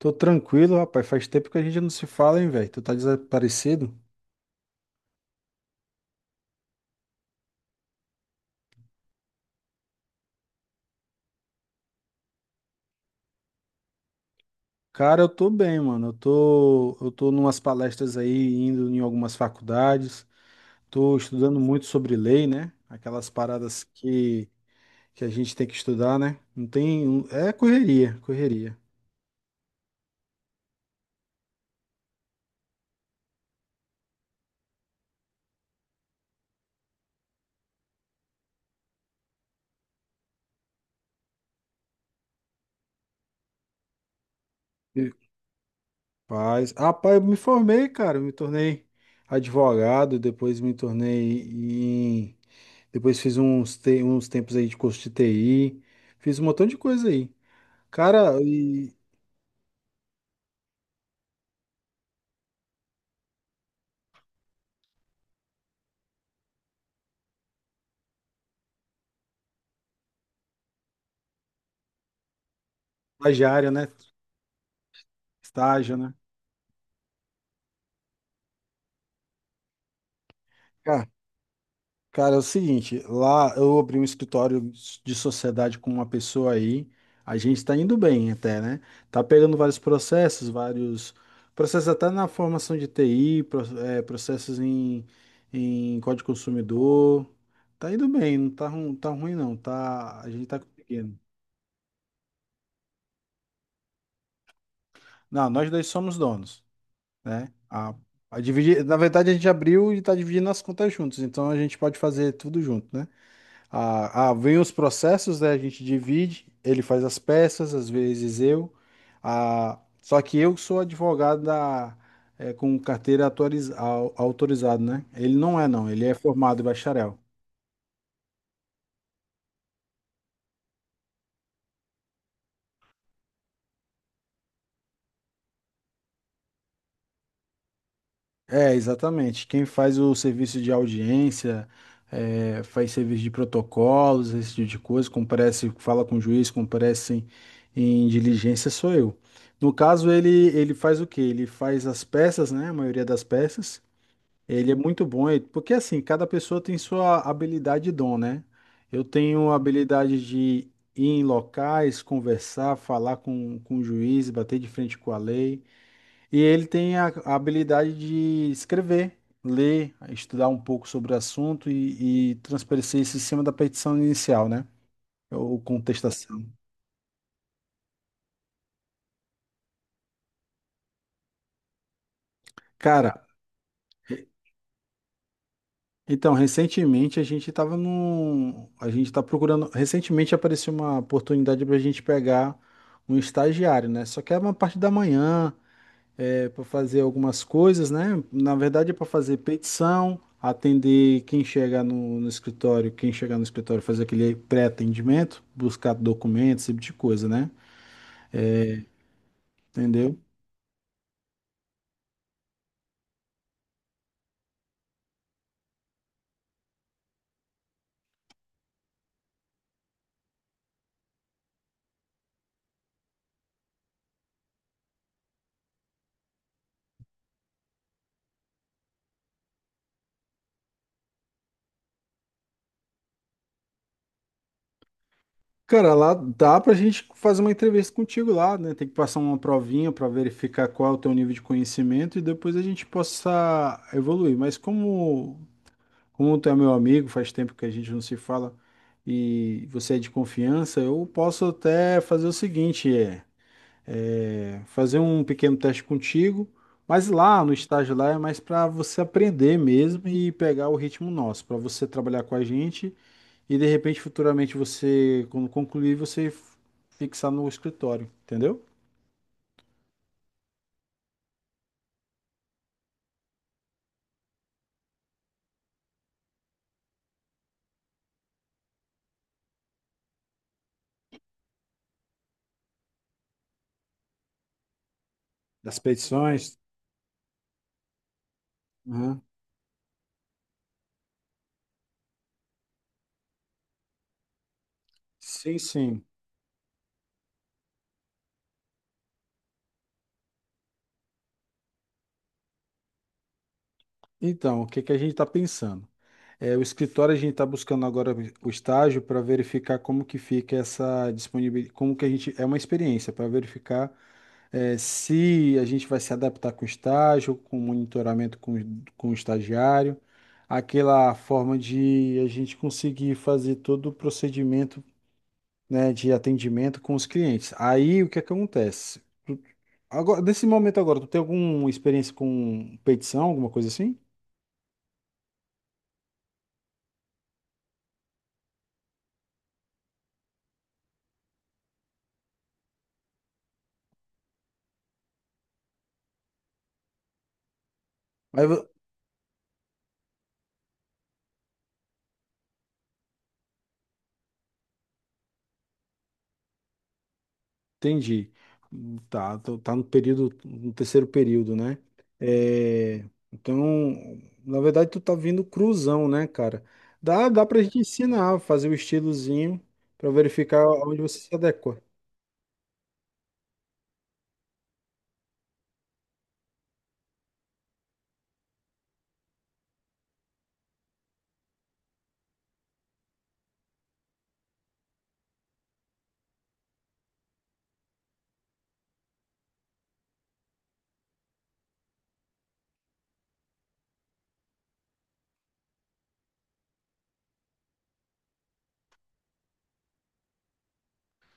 Tô tranquilo, rapaz. Faz tempo que a gente não se fala, hein, velho? Tu tá desaparecido? Cara, eu tô bem, mano. Eu tô numas palestras aí, indo em algumas faculdades. Tô estudando muito sobre lei, né? Aquelas paradas que a gente tem que estudar, né? Não tem. É correria, correria. E- Rapaz, ah, pai, eu me formei, cara. Eu me tornei advogado, depois me tornei em. Depois fiz uns tempos aí de curso de TI. Fiz um montão de coisa aí. Cara, e Estagiário, né? Estágio, né? Cara, cara, é o seguinte, lá eu abri um escritório de sociedade com uma pessoa aí, a gente tá indo bem até, né? Tá pegando vários processos até na formação de TI, é, processos em código consumidor. Tá indo bem, não tá, ru- tá ruim não, tá, a gente tá conseguindo. Não, nós dois somos donos. Né? A dividir, na verdade, a gente abriu e está dividindo as contas juntos, então a gente pode fazer tudo junto, né? Vem os processos, né? A gente divide, ele faz as peças, às vezes eu. A, só que eu sou advogado da, é, com carteira autorizado, né? Ele não é, não, ele é formado em bacharel. É, exatamente. Quem faz o serviço de audiência, é, faz serviço de protocolos, esse tipo de coisa, comparece, fala com o juiz, comparece em diligência, sou eu. No caso, ele faz o quê? Ele faz as peças, né? A maioria das peças. Ele é muito bom, porque assim, cada pessoa tem sua habilidade e dom, né? Eu tenho a habilidade de ir em locais, conversar, falar com o juiz, bater de frente com a lei. E ele tem a habilidade de escrever, ler, estudar um pouco sobre o assunto e transparecer isso em cima da petição inicial, né? Ou contestação. Cara, então, recentemente a gente estava num. A gente está procurando. Recentemente apareceu uma oportunidade para a gente pegar um estagiário, né? Só que é uma parte da manhã. É, para fazer algumas coisas, né? Na verdade, é para fazer petição, atender quem chegar no escritório, quem chegar no escritório fazer aquele pré-atendimento, buscar documentos, esse tipo de coisa, né? Entendeu? Cara, lá dá pra gente fazer uma entrevista contigo lá, né? Tem que passar uma provinha para verificar qual é o teu nível de conhecimento e depois a gente possa evoluir. Mas como tu é meu amigo, faz tempo que a gente não se fala e você é de confiança, eu posso até fazer o seguinte, fazer um pequeno teste contigo, mas lá no estágio lá é mais para você aprender mesmo e pegar o ritmo nosso, para você trabalhar com a gente e de repente futuramente você, quando concluir, fixar no escritório, entendeu? Das petições. Uhum. Sim, sim. Então, o que que a gente está pensando? É, o escritório a gente está buscando agora o estágio para verificar como que fica essa disponibilidade, como que a gente, é uma experiência para verificar se a gente vai se adaptar com o estágio, com o monitoramento com, com o estagiário, aquela forma de a gente conseguir fazer todo o procedimento, né, de atendimento com os clientes. Aí o que é que acontece? Agora, nesse momento agora, tu tem alguma experiência com petição, alguma coisa assim? Entendi. Tá, tá no período, no terceiro período, né? É, então, na verdade, tu tá vindo cruzão, né, cara? Dá pra gente ensinar, fazer o estilozinho pra verificar onde você se adequa.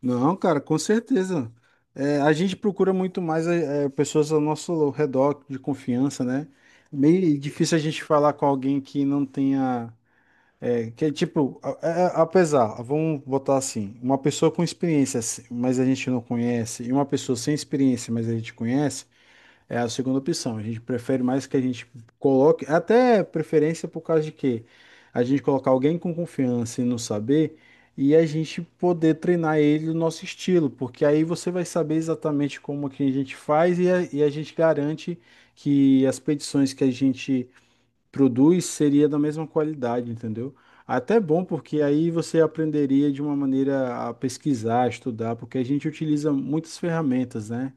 Não, cara, com certeza. É, a gente procura muito mais pessoas ao nosso redor de confiança, né? Meio difícil a gente falar com alguém que não tenha. É, que é tipo, apesar, vamos botar assim, uma pessoa com experiência, mas a gente não conhece, e uma pessoa sem experiência, mas a gente conhece, é a segunda opção. A gente prefere mais que a gente coloque, até preferência por causa de quê? A gente colocar alguém com confiança e não saber, e a gente poder treinar ele no nosso estilo, porque aí você vai saber exatamente como que a gente faz e e a gente garante que as petições que a gente produz seria da mesma qualidade, entendeu? Até é bom, porque aí você aprenderia de uma maneira a pesquisar, estudar, porque a gente utiliza muitas ferramentas, né?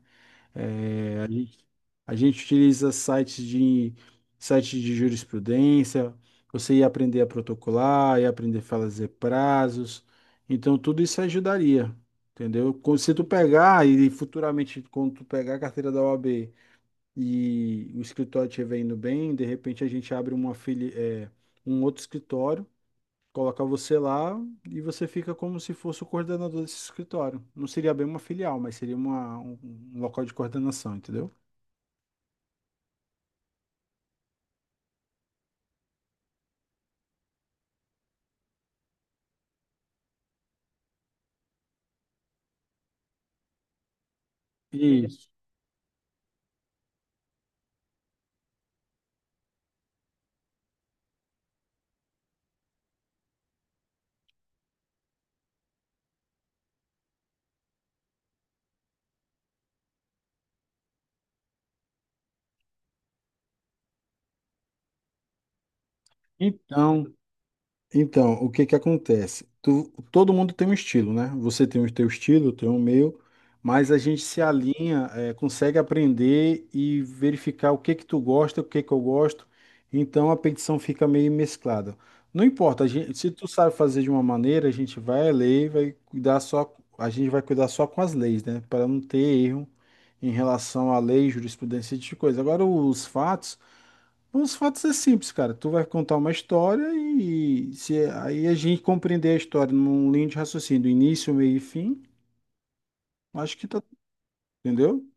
É, a gente, a gente utiliza sites de jurisprudência, você ia aprender a protocolar, ia aprender a fazer prazos, então tudo isso ajudaria, entendeu? Se tu pegar e futuramente, quando tu pegar a carteira da OAB, e o escritório estiver indo bem, de repente a gente abre um outro escritório, coloca você lá e você fica como se fosse o coordenador desse escritório. Não seria bem uma filial, mas seria um local de coordenação, entendeu? Isso. Então, Então, o que que acontece? Todo mundo tem um estilo, né? Você tem o teu estilo, eu tenho o meu, mas a gente se alinha, é, consegue aprender e verificar o que que tu gosta, o que que eu gosto. Então a petição fica meio mesclada. Não importa, se tu sabe fazer de uma maneira, a gente vai ler, e vai cuidar só, a gente vai cuidar só com as leis, né? Para não ter erro em relação à lei, jurisprudência e tipo de coisa. Agora os fatos é simples, cara. Tu vai contar uma história e se aí a gente compreender a história num linha de raciocínio, do início, meio e fim, acho que tá, entendeu?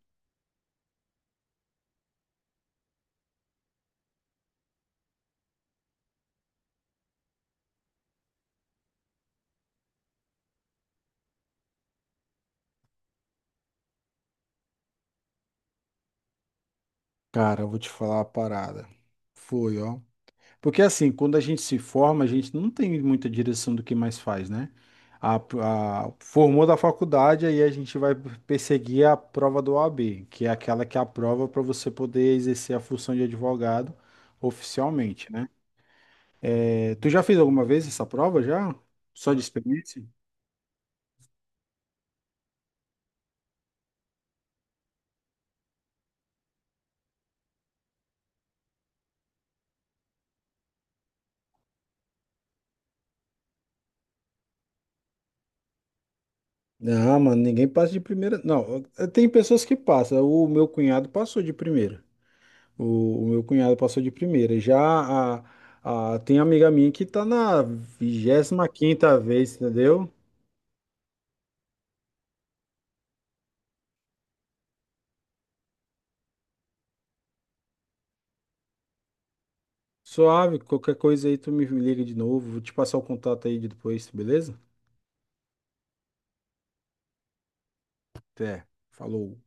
Cara, eu vou te falar a parada. Foi, ó. Porque assim, quando a gente se forma, a gente não tem muita direção do que mais faz, né? Formou da faculdade, aí a gente vai perseguir a prova do OAB, que é aquela que é a prova para você poder exercer a função de advogado oficialmente, né? É, tu já fez alguma vez essa prova já? Só de experiência? Não, mano, ninguém passa de primeira. Não, tem pessoas que passam. O meu cunhado passou de primeira. O meu cunhado passou de primeira. Já tem amiga minha que tá na vigésima quinta vez, entendeu? Suave, qualquer coisa aí tu me liga de novo. Vou te passar o contato aí de depois, beleza? Até. Falou.